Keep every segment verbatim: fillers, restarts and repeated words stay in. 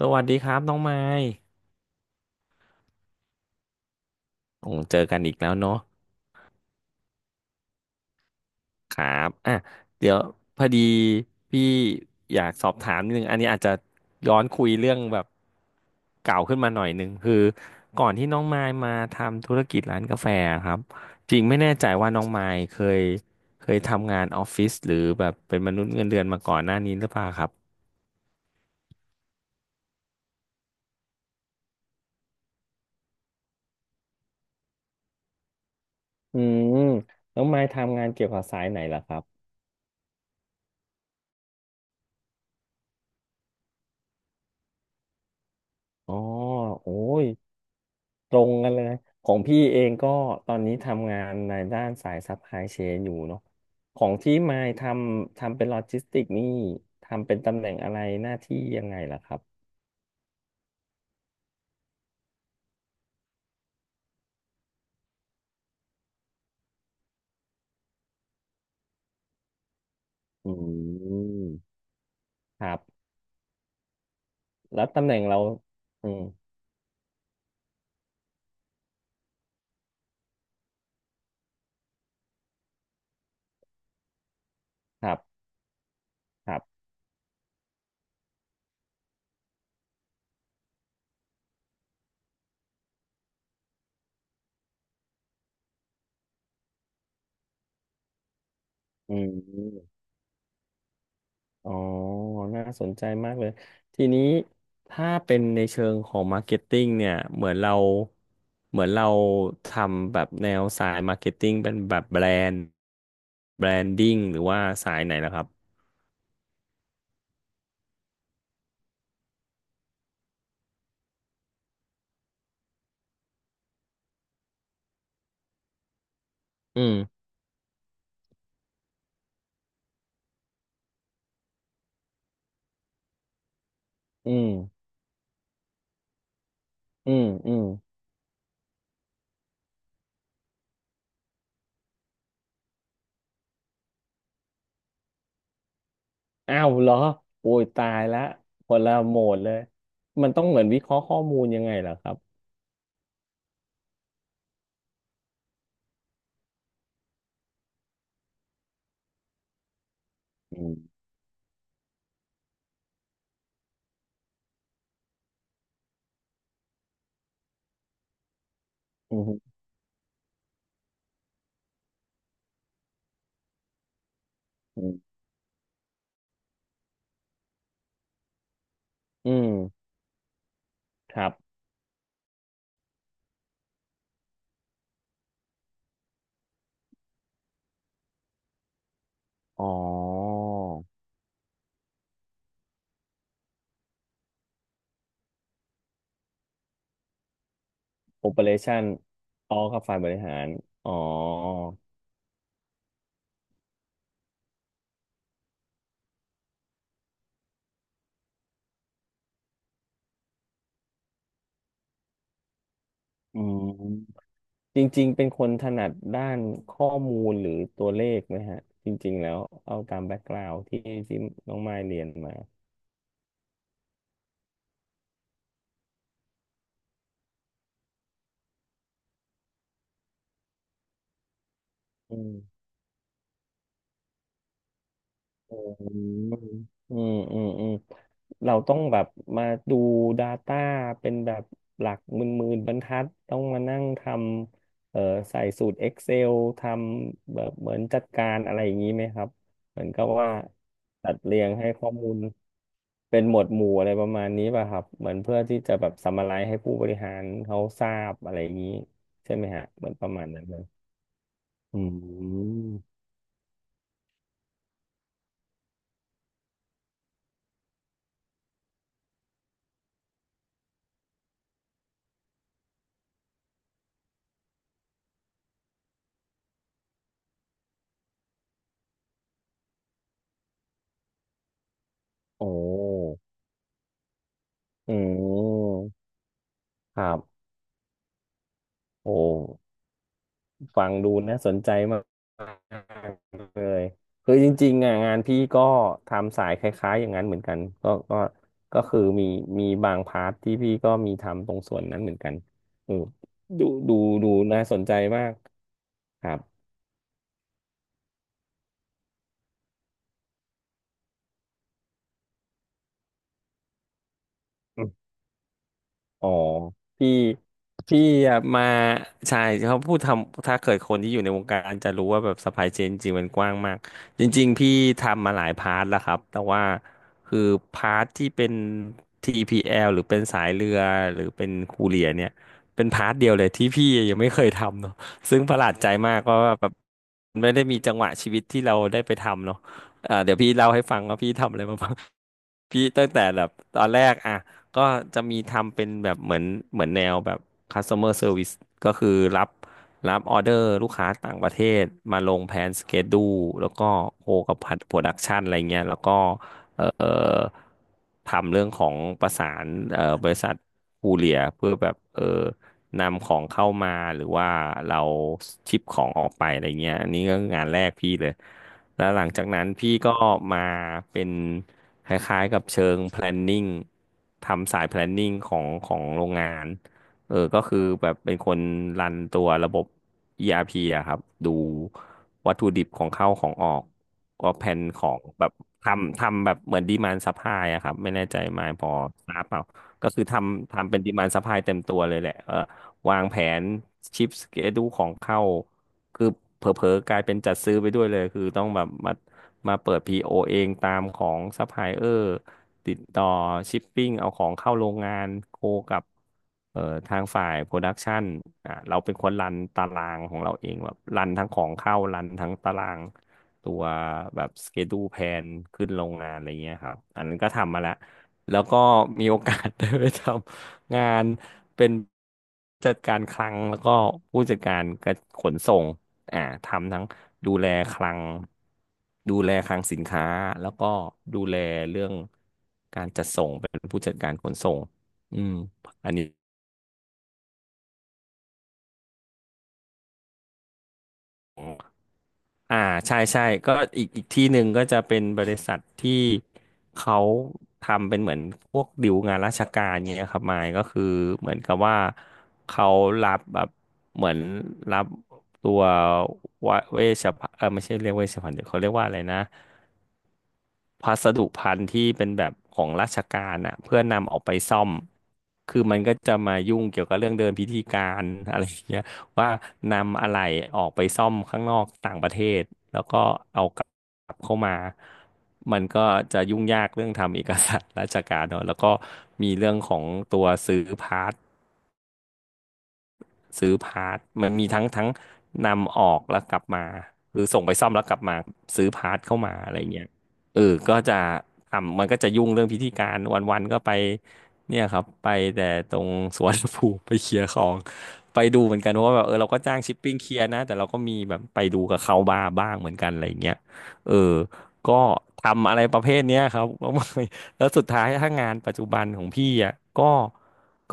สวัสดีครับน้องไม้โอ้เจอกันอีกแล้วเนาะครับอ่ะเดี๋ยวพอดีพี่อยากสอบถามนิดนึงอันนี้อาจจะย้อนคุยเรื่องแบบเก่าขึ้นมาหน่อยนึงคือก่อนที่น้องไม้มาทำธุรกิจร้านกาแฟครับจริงไม่แน่ใจว่าน้องไม้เคยเคยทำงานออฟฟิศหรือแบบเป็นมนุษย์เงินเดือนมาก่อนหน้านี้หรือเปล่าครับอืมน้องไม้ทำงานเกี่ยวกับสายไหนล่ะครับอ๋อโอ้ย ตรงกันเลยของพี่เองก็ตอนนี้ทำงานในด้านสายซัพพลายเชนอยู่เนาะของที่มายทำทำเป็นโลจิสติกนี่ทำเป็นตำแหน่งอะไรหน้าที่ยังไงล่ะครับอืมครับแล้วตำแหน่งเราอืมครับครับอืม อ๋อ น่าสนใจมากเลย ทีนี้ถ้าเป็นในเชิงของมาร์เก็ตติ้งเนี่ย เหมือนเราเหมือนเราทำแบบแนวสายมาร์เก็ตติ้งเป็นแบบแบรนด์แบรนดิ้งหรือว่าสายไหนนะครับ อืม อืม อืม อืมอ้าวเหรอโอ้ยตายละคนละโหมดเลย มันต้องเหมือนวิเคราะห์ข้อมูลยังไงเหรอครับอืมอืมอืมอืมครับ อ๋อ Operation อ๋อครับฝ่ายบริหารอ๋ออืมจริงๆเป็นคนถนัดด้านข้อมูลหรือตัวเลขไหมฮะจริงๆแล้วเอาตามแบ็กกราวด์ที่ที่น้องไมายเรียนมาอืมอืมอืมอืมอืม เราต้องแบบมาดู Data เป็นแบบหลักหมื่นๆบรรทัดต้องมานั่งทำเอ่อใส่สูตร Excel ทำแบบเหมือนจัดการอะไรอย่างนี้ไหมครับเหมือนกับว่าจัดเรียงให้ข้อมูลเป็นหมวดหมู่อะไรประมาณนี้ป่ะครับเหมือนเพื่อที่จะแบบซัมมาไรซ์ให้ผู้บริหารเขาทราบอะไรอย่างนี้ใช่ไหมฮะเหมือนประมาณนั้นเลยอืมโอ้อืมครับโอ้ ฟังดูน่าสนใจมากเลยคือจริงๆอ่ะงานพี่ก็ทำสายคล้ายๆอย่างนั้นเหมือนกันก็ก็ก็คือมีมีบางพาร์ทที่พี่ก็มีทำตรงส่วนนั้นเหมือนกันออดูดูดูน่าสนใจมากครับ อ๋อพี่พี่อะมาใช่เขาพูดทำถ้าเกิดคนที่อยู่ในวงการจะรู้ว่าแบบซัพพลายเชนจริงๆมันกว้างมากจริงๆพี่ทำมาหลายพาร์ทแล้วครับแต่ว่าคือพาร์ทที่เป็น ที พี แอล หรือเป็นสายเรือหรือเป็นคูเรียเนี่ยเป็นพาร์ทเดียวเลยที่พี่ยังไม่เคยทำเนาะซึ่งประหลาดใจมากเพราะว่าแบบไม่ได้มีจังหวะชีวิตที่เราได้ไปทำเนาะเอ่าเดี๋ยวพี่เล่าให้ฟังว่าพี่ทำอะไรมาบ้างพี่ตั้งแต่แบบตอนแรกอ่ะ ก็จะมีทำเป็นแบบเหมือนเหมือนแนวแบบ customer service ก็คือรับรับออเดอร์ลูกค้าต่างประเทศมาลงแผนสเกดูแล้วก็โคกับพัดโปรดักชันอะไรเงี้ยแล้วก็เอ่อทำเรื่องของประสานเอ่อบริษัทคูเรียร์เพื่อแบบเออ นำของเข้ามาหรือว่าเราชิปของออกไปอะไรเงี้ยอันนี้ก็งานแรกพี่เลยแล้วหลังจากนั้นพี่ก็มาเป็นคล้ายๆกับเชิง planning ทำสาย planning ของของโรงงานเออก็คือแบบเป็นคนรันตัวระบบ อี อาร์ พี อาร์พีอะครับดูวัตถุดิบของเข้าของออกก็แผนของแบบทำทำแบบเหมือน demand supply อะครับไม่แน่ใจมายพอทราบเปล่าก็คือทำทำเป็น demand supply เต็มตัวเลยแหละเออ วางแผนชิปสเกดูของเข้าคือเผลอๆกลายเป็นจัดซื้อไปด้วยเลยคือต้องแบบมามาเปิด พี โอ เองตามของซัพพลายเออร์ติดต่อชิปปิ้งเอาของเข้าโรงงานโคกับเอ่อทางฝ่ายโปรดักชันอ่ะเราเป็นคนรันตารางของเราเองแบบรันทั้งของเข้ารันทั้งตารางตัวแบบสเกดูแพนขึ้นโรงงานอะไรเงี้ยครับอันนั้นก็ทำมาแล้วแล้วก็มีโอกาส ได้ไปท งานเป็นจัดการคลังแล้วก็ผู้จัดการกระขนส่งอ่าทำทั้งดูแลคลังดูแลคลังสินค้าแล้วก็ดูแลเรื่องการจัดส่งเป็นผู้จัดการขนส่งอืมอันนี้ อ่าใช่ใช่ก็อีกอีกที่หนึ่งก็จะเป็นบริษัทที่เขาทำเป็นเหมือนพวกดิวงานราชการเงี้ยครับมายก็คือเหมือนกับว่าเขารับแบบเหมือนรับตัววะเวชภัณฑ์เออไม่ใช่เรียกเวชภัณฑ์เดี๋ยวเขาเรียกว่าอะไรนะพัสดุภัณฑ์ที่เป็นแบบของราชการอ่ะเพื่อนำออกไปซ่อมคือมันก็จะมายุ่งเกี่ยวกับเรื่องเดินพิธีการอะไรอย่างเงี้ย ว่านำอะไรออกไปซ่อมข้างนอกต่างประเทศแล้วก็เอากลับเข้ามามันก็จะยุ่งยากเรื่องทำเอกสารราชการเนอะแล้วก็มีเรื่องของตัวซื้อพาร์ท ซื้อพาร์ทมันมีทั้งทั้งนำออกแล้วกลับมาหรือส่งไปซ่อมแล้วกลับมาซื้อพาร์ทเข้ามาอะไรเงี้ยเออก็จะทำมันก็จะยุ่งเรื่องพิธีการวันๆก็ไปเนี่ยครับไปแต่ตรงสวนภูมิ ไปเคลียร์ของไปดูเหมือนกันเพราะว่าแบบเออเราก็จ้างชิปปิ้งเคลียร์นะแต่เราก็มีแบบไปดูกับเขาบ้าบ้างเหมือนกันอะไรเงี้ยเออก็ทำอะไรประเภทเนี้ยครับ ก็ แล้วสุดท้ายถ้างานปัจจุบันของพี่อ่ะก็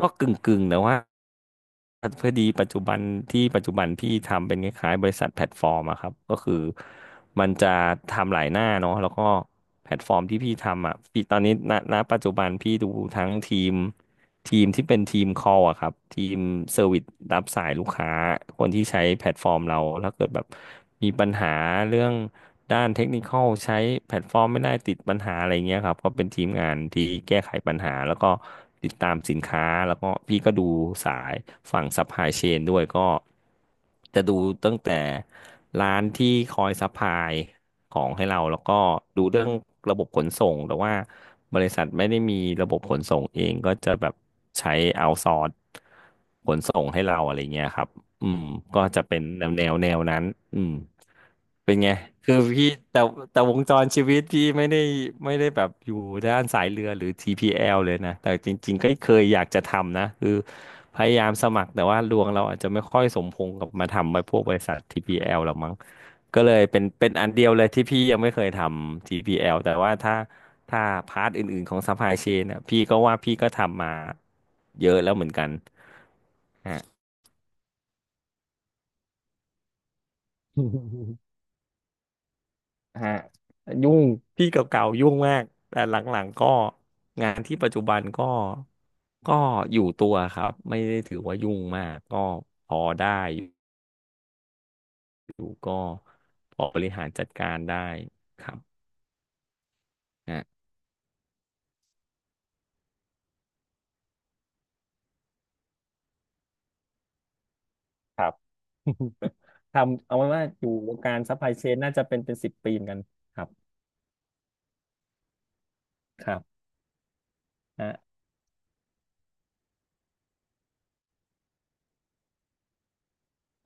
ก็กึ่งกึ่งแต่ว่าพอดีปัจจุบันที่ปัจจุบันพี่ทำเป็นคล้ายๆบริษัทแพลตฟอร์มอะครับก็คือมันจะทำหลายหน้าเนาะแล้วก็แพลตฟอร์มที่พี่ทำอ่ะพี่ตอนนี้ณณปัจจุบันพี่ดูทั้งทีม ทีมที่เป็นทีม call อะครับ ทีมเซอร์วิสรับสายลูกค้า คนที่ใช้แพลตฟอร์มเราถ้าเกิดแบบมีปัญหาเรื่องด้านเทคนิคอลใช้แพลตฟอร์มไม่ได้ติดปัญหาอะไรเงี้ยครับ ก็เป็นทีมงานที่แก้ไขปัญหาแล้วก็ติดตามสินค้าแล้วก็พี่ก็ดูสายฝั่งซัพพลายเชนด้วยก็ จะดูตั้งแต่ร้านที่คอยซัพพลายของให้เราแล้วก็ดูเรื่องระบบขนส่งแต่ว่าบริษัทไม่ได้มีระบบขนส่งเองก็จะแบบใช้เอาซอร์สขนส่งให้เราอะไรเงี้ยครับอืมก็จะเป็นแนวแนวแนวนั้นอืม เป็นไงคือพี่แต่แต่วงจรชีวิตพี่ไม่ได้ไม่ได้แบบอยู่ด้านสายเรือหรือ ที พี แอล เลยนะแต่จริงๆก็เคยอยากจะทำนะคือพยายามสมัครแต่ว่าดวงเราอาจจะไม่ค่อยสมพงษ์กับมาทำไปพวกบริษัท ที พี แอล หรอกมั้งก็เลยเป็นเป็นอันเดียวเลยที่พี่ยังไม่เคยทำ ที พี แอล แอลแต่ว่าถ้าถ้าพาร์ทอื่นๆของ supply chain นะพี่ก็ว่าพี่ก็ทำมาเยอะแล้วเหมือนกันฮะ ฮะยุ่งพี่เก่าๆยุ่งมากแต่หลังๆก็งานที่ปัจจุบันก็ก็อยู่ตัวครับไม่ได้ถือว่ายุ่งมากก็พอได้อยู่ก็พอบริหารจัดการได้ครับฮะครับ ทำเอาไว้ว่าอยู่วงการซัพพลายเชนน่าจะเป็นเป็นสิบปีเหมือนกันครับครับฮะ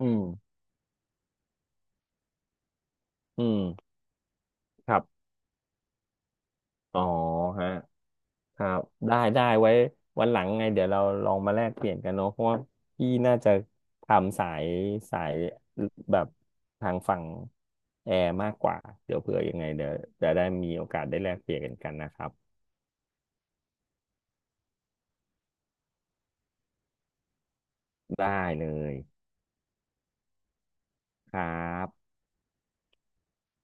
อืมอืมครับอ๋อฮะ ครับได้ได้ไว้วันหลังไงเดี๋ยวเราลองมาแลกเปลี่ยนกันเนาะเพราะว่าพี่น่าจะทำสายสายแบบทางฝั่งแอร์มากกว่าเดี๋ยวเผื่อยังไงเดี๋ยวจะได้มีโอกาสได้แลกเปลี่ยนกันกันนะครับได้เลยครับ